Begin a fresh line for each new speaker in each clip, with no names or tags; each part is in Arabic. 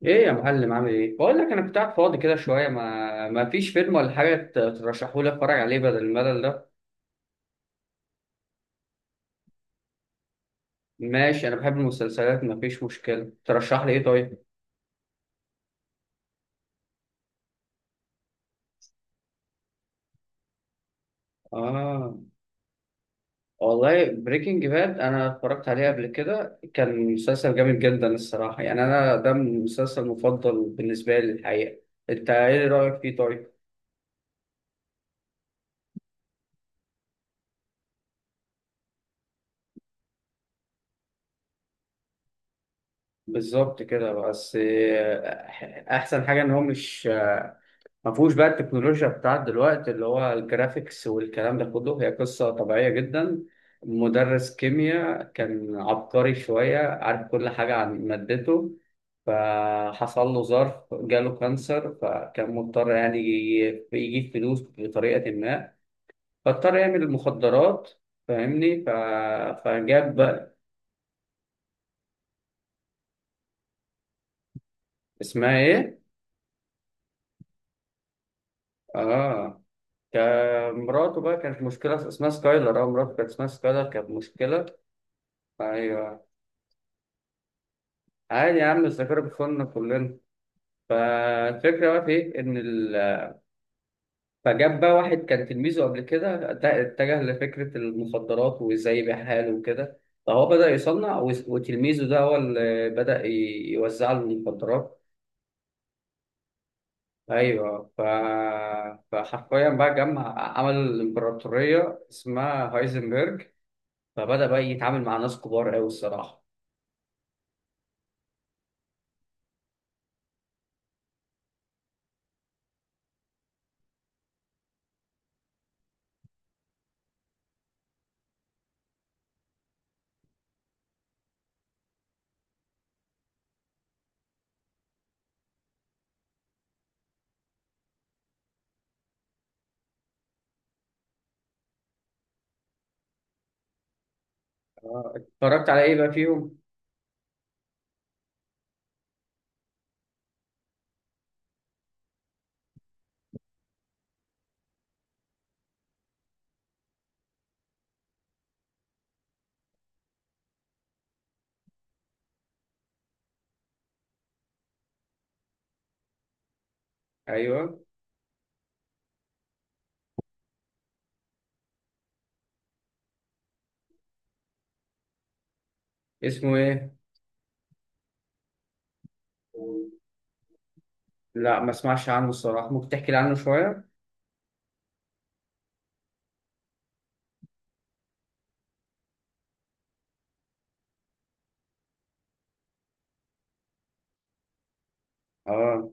ايه يا معلم، عامل ايه؟ بقول لك انا كنت قاعد فاضي كده شويه، ما فيش فيلم ولا حاجه ترشحوا لي اتفرج عليه بدل الملل ده. ماشي انا بحب المسلسلات، ما فيش مشكله. ترشح لي ايه طيب؟ اه، والله بريكنج باد انا اتفرجت عليه قبل كده، كان مسلسل جامد جدا الصراحه. يعني انا ده المسلسل المفضل بالنسبه لي الحقيقه. انت ايه رايك فيه طيب؟ بالظبط كده. بس احسن حاجه ان هو مش ما فيهوش بقى التكنولوجيا بتاعت دلوقتي، اللي هو الجرافيكس والكلام ده كله. هي قصة طبيعية جدا، مدرس كيمياء كان عبقري شوية، عارف كل حاجة عن مادته، فحصل له ظرف جاله كانسر، فكان مضطر يعني يجيب فلوس بطريقة ما، فاضطر يعمل المخدرات. فاهمني؟ فجاب بقى. اسمها ايه؟ اه، كان مراته بقى كانت مشكلة اسمها سكايلر. اه مراته كانت اسمها سكايلر، كانت مشكلة. ايوه، عادي يا عم، الذاكرة بتخوننا كلنا. فالفكرة بقى في إيه؟ إن فجاب بقى واحد كان تلميذه قبل كده، اتجه لفكرة المخدرات وإزاي يبيعها له وكده. فهو بدأ يصنع، وتلميذه ده هو اللي بدأ يوزع له المخدرات. أيوه. فحرفيا بقى جمع، عمل الإمبراطورية اسمها هايزنبرج، فبدأ بقى يتعامل مع ناس كبار أوي الصراحة. اتفرجت على إيه بقى فيهم؟ أيوه. اسمه إيه؟ لا، ما اسمعش عنه الصراحة، ممكن تحكي لي عنه شوية. اه.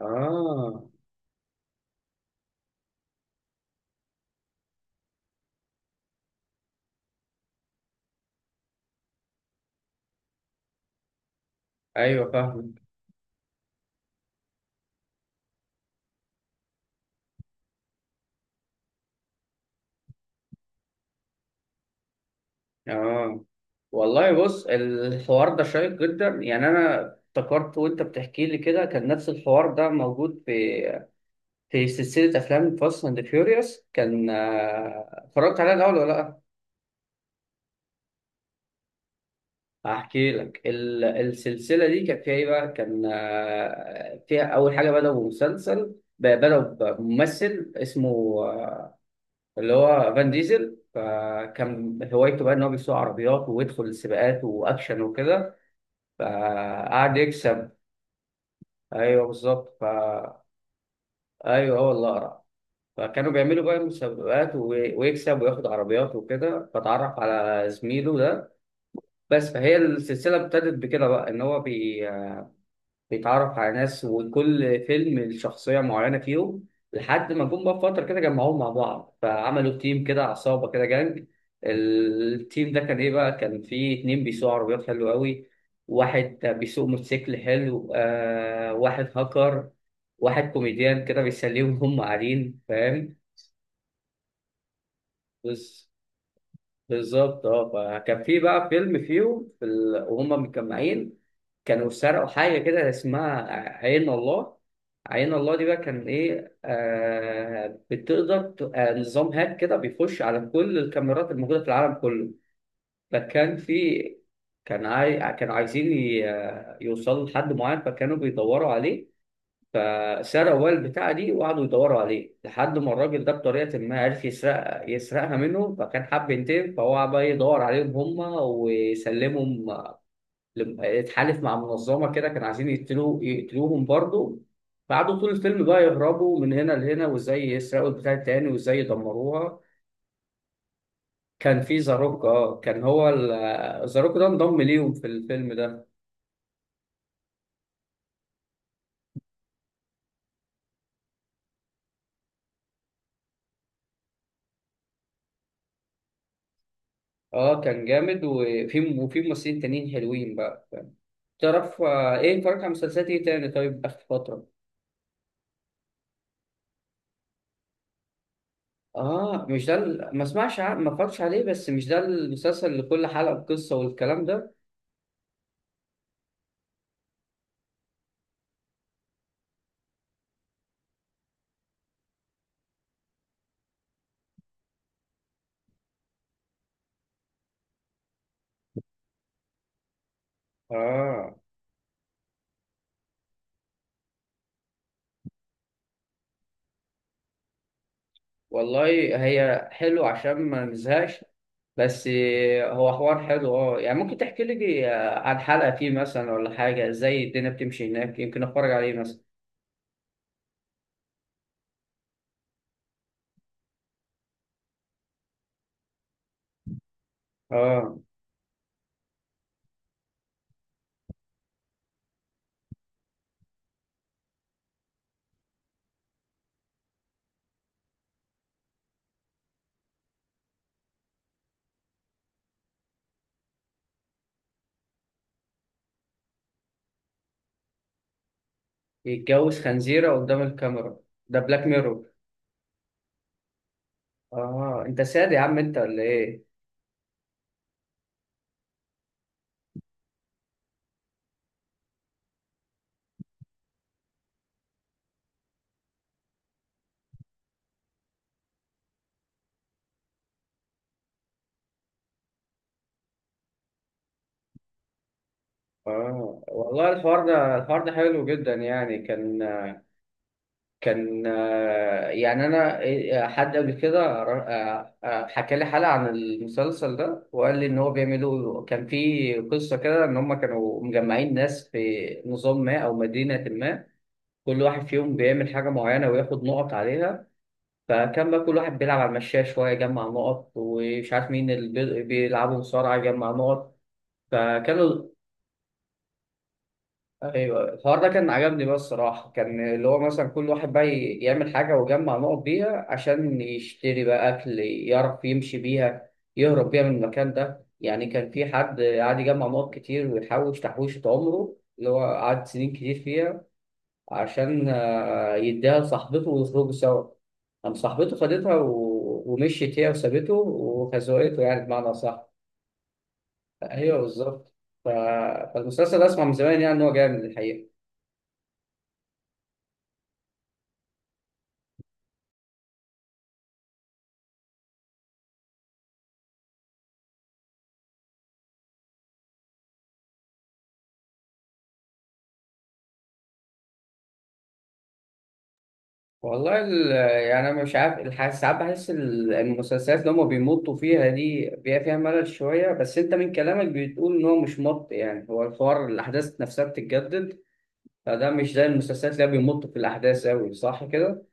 اه. ايوه فاهمك. اه، والله بص، الحوار ده شيق جدا يعني. انا افتكرت وانت بتحكي لي كده كان نفس الحوار ده موجود في في سلسلة افلام فاست اند فيوريوس. كان اتفرجت عليها الاول ولا لا؟ هحكي لك. السلسلة دي كان فيها ايه بقى؟ كان فيها اول حاجة بدأوا مسلسل بدأوا بممثل اسمه آه، اللي هو فان ديزل. فكان هوايته بقى ان هو بيسوق عربيات ويدخل السباقات واكشن وكده، فقعد يكسب. ايوه بالظبط. ايوه، هو اللي اقرع. فكانوا بيعملوا بقى مسابقات ويكسب وياخد عربيات وكده، فتعرف على زميله ده بس. فهي السلسله ابتدت بكده بقى، ان هو بيتعرف على ناس، وكل فيلم الشخصية معينة فيهم، لحد ما جم بقى في فترة كده جمعوهم مع بعض فعملوا تيم كده، عصابة كده، جانج. التيم ده كان إيه بقى؟ كان فيه اتنين بيسوقوا عربيات حلو قوي، واحد بيسوق موتوسيكل حلو، واحد هاكر، واحد كوميديان كده بيسليهم وهم قاعدين، فاهم؟ بس. بالظبط اه. فكان في بقى فيلم فيهم في وهم متجمعين كانوا سرقوا حاجة كده اسمها عين الله. عين الله دي بقى كان إيه؟ بتقدر نظام هاك كده بيخش على كل الكاميرات الموجودة في العالم كله. فكان في، كانوا عايزين ي... آه، يوصلوا لحد معين، فكانوا بيدوروا عليه. فسرقوا بقى البتاعة دي وقعدوا يدوروا عليه، لحد ما الراجل ده بطريقة ما عرف يسرقها منه، فكان حب ينتقم، فهو بقى يدور عليهم هما ويسلمهم. اتحالف مع منظمه كده كانوا عايزين يقتلوه، يقتلوهم برضه. قعدوا طول الفيلم بقى يهربوا من هنا لهنا، وازاي يسرقوا البتاع التاني وازاي يدمروها. كان في زاروك. اه كان هو زاروك ده انضم ليهم في الفيلم ده. اه كان جامد، وفي وفي ممثلين تانيين حلوين بقى، فاهم؟ تعرف ايه، اتفرجت على مسلسلات ايه تاني طيب اخر فترة؟ اه، مش ده ما اسمعش ما اتفرجش عليه. بس مش ده المسلسل اللي كل حلقة بقصة والكلام ده؟ اه، والله. هي حلو عشان ما نزهقش، بس. هو حوار حلو اه، يعني ممكن تحكي لي عن حلقة فيه مثلا ولا حاجة، ازاي الدنيا بتمشي هناك، يمكن اتفرج عليه مثلا. اه. يتجوز خنزيرة قدام الكاميرا؟ ده بلاك ميرور؟ اه انت ساد يا عم انت ولا ايه؟ اه، والله الحوار ده، الحوار ده حلو جدا يعني. كان كان يعني انا حد قبل كده حكى لي حلقه عن المسلسل ده، وقال لي ان هو بيعملوا، كان في قصه كده، ان هم كانوا مجمعين ناس في نظام ما او مدينه ما، كل واحد فيهم بيعمل حاجه معينه وياخد نقط عليها. فكان بقى كل واحد بيلعب على المشاية شويه يجمع نقط، ومش عارف مين اللي بيلعبوا مصارعه يجمع نقط، فكانوا. ايوه، الحوار ده كان عجبني بقى الصراحه. كان اللي هو مثلا كل واحد بقى يعمل حاجه ويجمع نقط بيها عشان يشتري بقى اكل، يعرف يمشي بيها، يهرب بيها من المكان ده. يعني كان في حد قعد يجمع نقط كتير ويحوش تحويشة عمره، اللي هو قعد سنين كتير فيها، عشان يديها لصاحبته ويخرجوا سوا. قام صاحبته خدتها و... ومشيت هي وسابته وخزوقته، يعني بمعنى صح. ايوه بالظبط. ف... فالمسلسل ده اسمع من زمان يعني ان هو جامد الحقيقه. والله يعني انا مش عارف ساعات بحس المسلسلات اللي هم بيمطوا فيها دي بيبقى فيها ملل شويه، بس انت من كلامك بتقول ان هو مش مط، يعني هو الحوار، الاحداث نفسها بتتجدد، فده مش زي المسلسلات اللي هي بيمطوا في الاحداث قوي، صح كده؟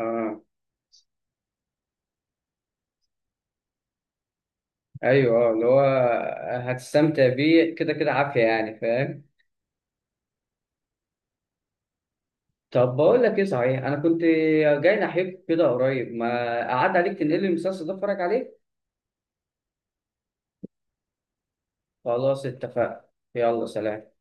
اه. ايوه اه، اللي هو هتستمتع بيه كده كده عافيه، يعني فاهم؟ طب بقول لك ايه صحيح، انا كنت جاي ناحيك كده قريب، ما قعد عليك تنقل لي المسلسل ده اتفرج عليه؟ خلاص اتفقنا. يلا سلام.